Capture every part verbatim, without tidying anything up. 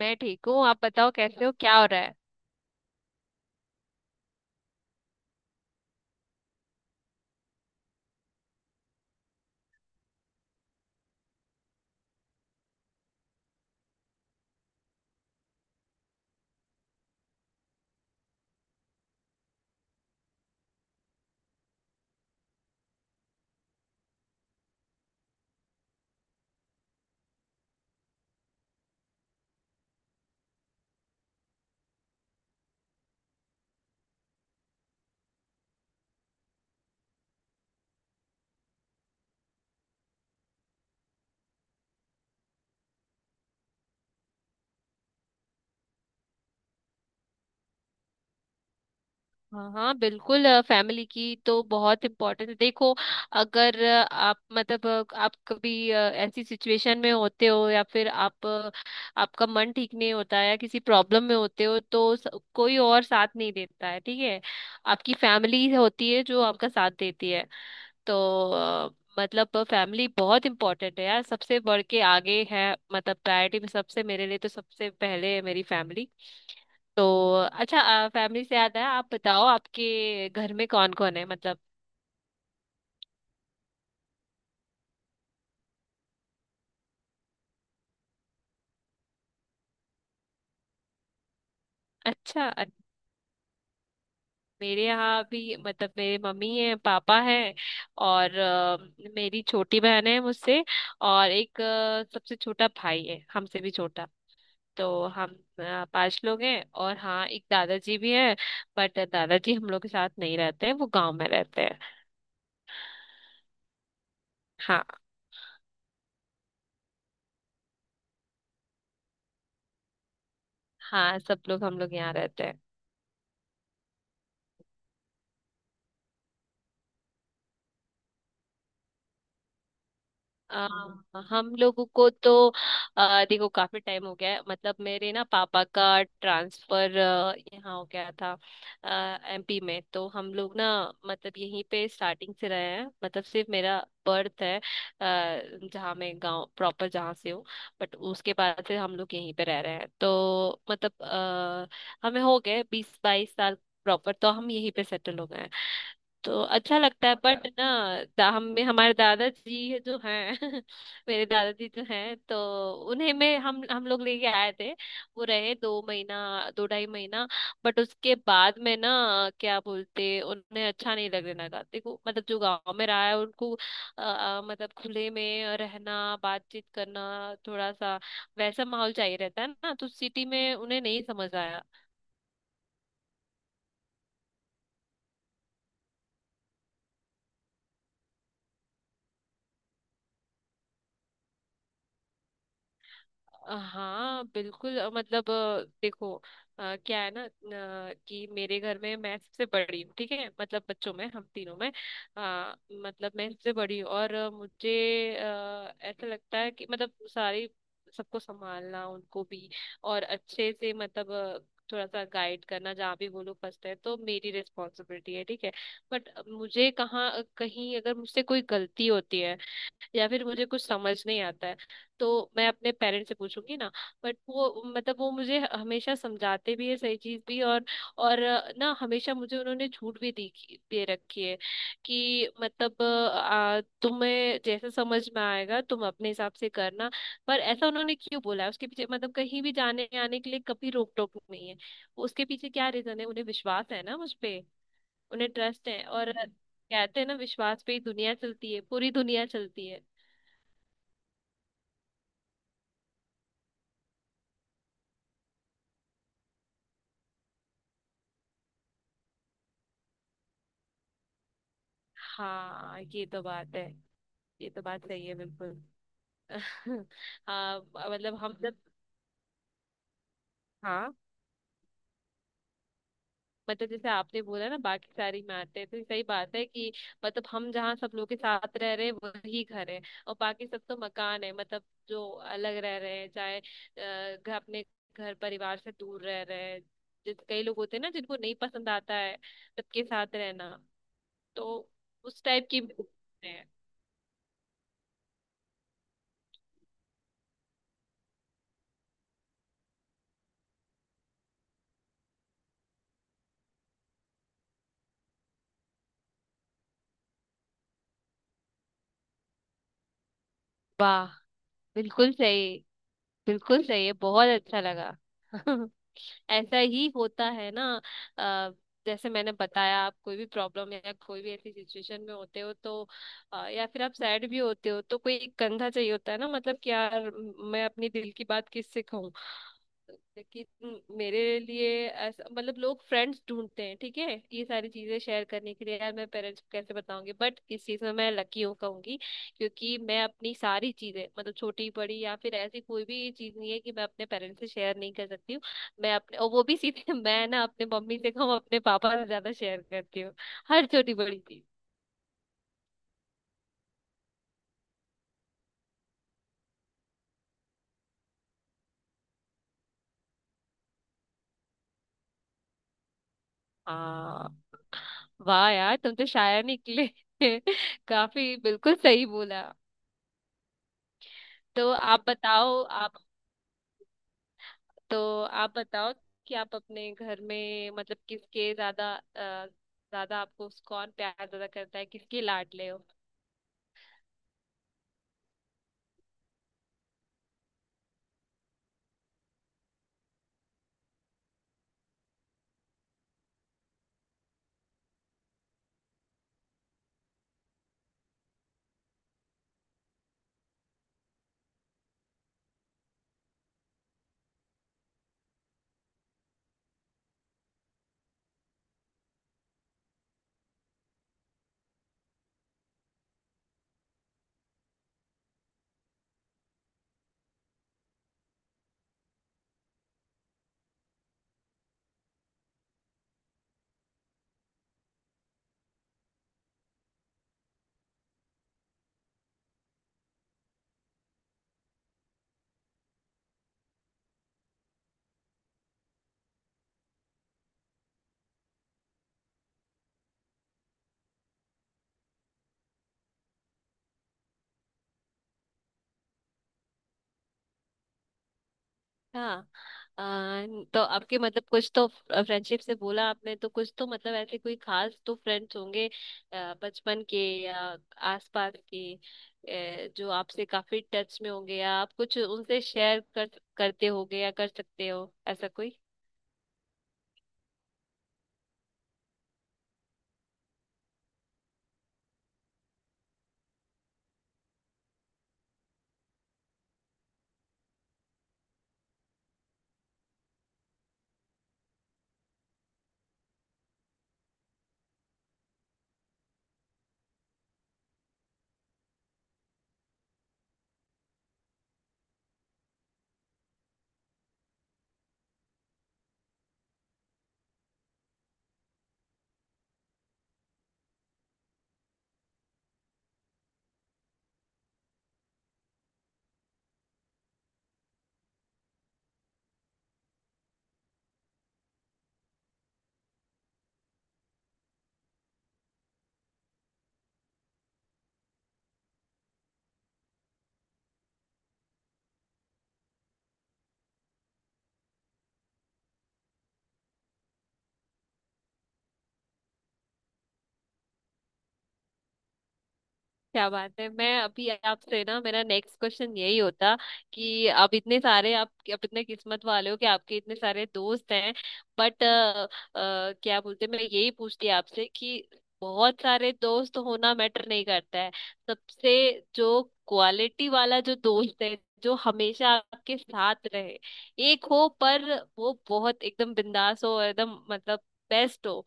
मैं ठीक हूँ। आप बताओ, कैसे हो, क्या हो रहा है? हाँ हाँ बिल्कुल, फैमिली की तो बहुत इम्पोर्टेंस है। देखो, अगर अ, आप मतलब अ, आप कभी अ, ऐसी सिचुएशन में होते हो, या फिर आप अ, आपका मन ठीक नहीं होता है, या किसी प्रॉब्लम में होते हो, तो स, कोई और साथ नहीं देता है, ठीक है। आपकी फैमिली होती है जो आपका साथ देती है। तो अ, मतलब फैमिली बहुत इंपॉर्टेंट है यार, सबसे बढ़ के आगे है, मतलब प्रायोरिटी में सबसे, मेरे लिए तो सबसे पहले है मेरी फैमिली। तो अच्छा, फैमिली से याद है, आप बताओ आपके घर में कौन कौन है मतलब। अच्छा, अ- मेरे यहाँ भी, मतलब मेरे मम्मी है, पापा है, और अ, मेरी छोटी बहन है मुझसे, और एक अ, सबसे छोटा भाई है, हमसे भी छोटा। तो हम अ, पांच लोग हैं, और हाँ, एक दादाजी भी है। बट दादाजी हम लोग के साथ नहीं रहते हैं, वो गांव में रहते हैं। हाँ। हाँ, सब लोग, हम लोग यहाँ रहते हैं। आ, हम लोगों को तो आ, देखो काफी टाइम हो गया है। मतलब मेरे ना, पापा का ट्रांसफर यहाँ हो गया था, एमपी में। तो हम लोग ना, मतलब यहीं पे स्टार्टिंग से रहे हैं। मतलब सिर्फ मेरा बर्थ है आ, जहाँ, मैं गांव प्रॉपर जहाँ से हूँ। बट उसके बाद से हम लोग यहीं पे रह रहे हैं। तो मतलब आ, हमें हो गए बीस बाईस साल प्रॉपर, तो हम यहीं पे सेटल हो गए हैं। तो अच्छा लगता है, बट ना दा, हम हमारे दादाजी जो हैं मेरे दादाजी जो हैं, तो उन्हें में हम हम लोग लेके आए थे। वो रहे दो महीना, दो ढाई महीना। बट उसके बाद में ना, क्या बोलते, उन्हें अच्छा नहीं लगने लगा। देखो मतलब जो गांव में रहा है, उनको अ, अ, मतलब खुले में रहना, बातचीत करना, थोड़ा सा वैसा माहौल चाहिए रहता है ना। तो सिटी में उन्हें नहीं समझ आया। हाँ बिल्कुल, अ, मतलब अ, देखो, अ, क्या है ना, अ, कि मेरे घर में मैं सबसे बड़ी हूँ, ठीक है। मतलब बच्चों में हम तीनों में, अ, मतलब मैं सबसे बड़ी हूँ, और अ, मुझे अ, ऐसा लगता है कि मतलब सारी, सबको संभालना, उनको भी और अच्छे से, मतलब अ, थोड़ा सा गाइड करना, जहाँ भी वो लोग फंसते हैं, तो मेरी रिस्पॉन्सिबिलिटी है, ठीक है। बट मुझे कहाँ कहीं, अगर मुझसे कोई गलती होती है, या फिर मुझे कुछ समझ नहीं आता है, तो मैं अपने पेरेंट्स से पूछूंगी ना। बट वो, मतलब वो मुझे हमेशा समझाते भी है सही चीज भी। और और अ, ना, हमेशा मुझे उन्होंने छूट भी दी, दे रखी है कि मतलब अ, तुम्हें जैसे समझ में आएगा तुम अपने हिसाब से करना। पर ऐसा उन्होंने क्यों बोला है उसके पीछे, मतलब कहीं भी जाने आने के लिए कभी रोक टोक नहीं है, उसके पीछे क्या रीजन है? उन्हें विश्वास है ना मुझ पे, उन्हें ट्रस्ट है। और कहते हैं ना, विश्वास पे ही दुनिया चलती है, पूरी दुनिया चलती है। हाँ, ये तो बात है, ये तो बात सही है बिल्कुल। हाँ मतलब हम जब, हाँ मतलब जैसे आपने बोला ना, बाकी सारी में आते हैं, तो सही बात है कि मतलब हम जहाँ सब लोग के साथ रह रहे हैं वही घर है, और बाकी सब तो मकान है मतलब। जो अलग रह रहे हैं, चाहे अ, घर, अपने घर परिवार से दूर रह रहे हैं, जैसे कई लोग होते हैं ना जिनको नहीं पसंद आता है सबके साथ रहना। तो उस टाइप की भी होते हैं। वाह, बिल्कुल सही, बिल्कुल सही है, बहुत अच्छा लगा। ऐसा ही होता है ना। अ, जैसे मैंने बताया, आप कोई भी प्रॉब्लम या कोई भी ऐसी सिचुएशन में होते हो, तो अ, या फिर आप सैड भी होते हो, तो कोई एक कंधा चाहिए होता है ना, मतलब कि यार म- मैं अपनी दिल की बात किससे कहूँ। लेकिन मेरे लिए ऐसा, मतलब लोग फ्रेंड्स ढूंढते हैं, ठीक है, ये सारी चीजें शेयर करने के लिए। यार, मैं पेरेंट्स को कैसे बताऊंगी, बट इस चीज में मैं लकी हूँ कहूंगी, क्योंकि मैं अपनी सारी चीजें, मतलब छोटी बड़ी, या फिर ऐसी कोई भी चीज नहीं है कि मैं अपने पेरेंट्स से शेयर नहीं कर सकती हूँ। मैं अपने, और वो भी सीधे, मैं ना अपने मम्मी से कम, अपने पापा से ज्यादा शेयर करती हूँ, हर छोटी बड़ी चीज। हाँ वाह यार, तुम तो शायर निकले। काफी, बिल्कुल सही बोला। तो आप बताओ, आप, तो आप बताओ कि आप अपने घर में मतलब किसके ज्यादा, अ, ज्यादा, आपको कौन प्यार ज्यादा करता है, किसके लाडले हो? हाँ, अ, तो आपके, मतलब कुछ तो फ्रेंडशिप से बोला आपने, तो कुछ तो मतलब ऐसे कोई खास तो फ्रेंड्स होंगे, अ, बचपन के, या आसपास के, अ, जो आपसे काफी टच में होंगे, या आप कुछ उनसे शेयर कर करते होगे या कर सकते हो, ऐसा कोई? क्या बात है, मैं अभी आपसे ना, मेरा नेक्स्ट क्वेश्चन यही होता कि आप इतने सारे आप आप इतने किस्मत वाले हो कि आपके इतने सारे दोस्त हैं। बट क्या बोलते हैं, मैं यही पूछती आपसे कि बहुत सारे दोस्त होना मैटर नहीं करता है। सबसे जो क्वालिटी वाला जो दोस्त है, जो हमेशा आपके साथ रहे, एक हो पर वो बहुत एकदम बिंदास हो, एकदम मतलब बेस्ट हो।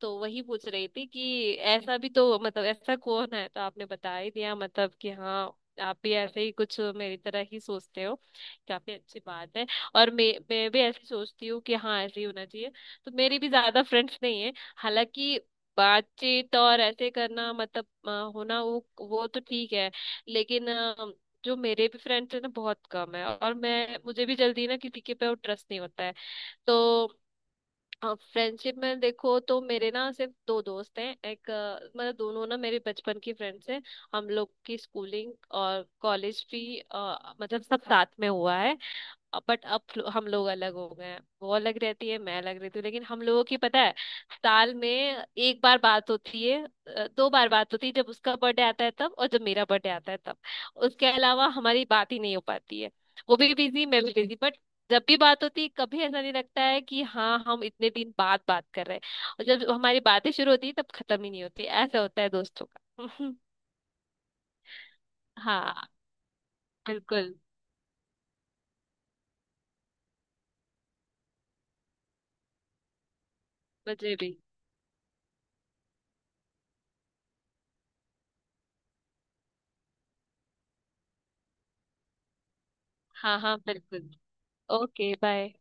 तो वही पूछ रही थी कि ऐसा भी तो, मतलब ऐसा कौन है? तो आपने बता ही दिया, मतलब कि हाँ, आप भी ऐसे ही कुछ मेरी तरह ही सोचते हो, काफी अच्छी बात है। और मैं मैं भी ऐसे सोचती हूँ कि हाँ ऐसे ही होना चाहिए। तो मेरी भी ज्यादा फ्रेंड्स नहीं है, हालांकि बातचीत और ऐसे करना, मतलब अ, होना, वो वो तो ठीक है। लेकिन अ, जो मेरे भी फ्रेंड्स है ना बहुत कम है। और मैं मुझे भी जल्दी ना किसी के पे ट्रस्ट नहीं होता है। तो फ्रेंडशिप में देखो तो मेरे ना सिर्फ दो दोस्त हैं, एक, अ, मतलब दोनों ना मेरे बचपन की फ्रेंड्स हैं। हम लोग की स्कूलिंग और कॉलेज भी, अ, मतलब सब साथ में हुआ है। बट अब हम लोग अलग हो गए हैं, वो अलग रहती है, मैं अलग रहती हूँ। लेकिन हम लोगों की पता है, साल में एक बार बात होती है, अ, दो बार बात होती है, जब उसका बर्थडे आता है तब, और जब मेरा बर्थडे आता है तब। उसके अलावा हमारी बात ही नहीं हो पाती है, वो भी बिजी, मैं भी बिजी। बट जब भी बात होती है, कभी ऐसा नहीं लगता है कि हाँ, हम इतने दिन बाद बात कर रहे हैं। और जब हमारी बातें शुरू होती है तब खत्म ही नहीं होती, ऐसा होता है दोस्तों का। हाँ, बिल्कुल। मुझे भी। हाँ हाँ बिल्कुल। Okay, bye.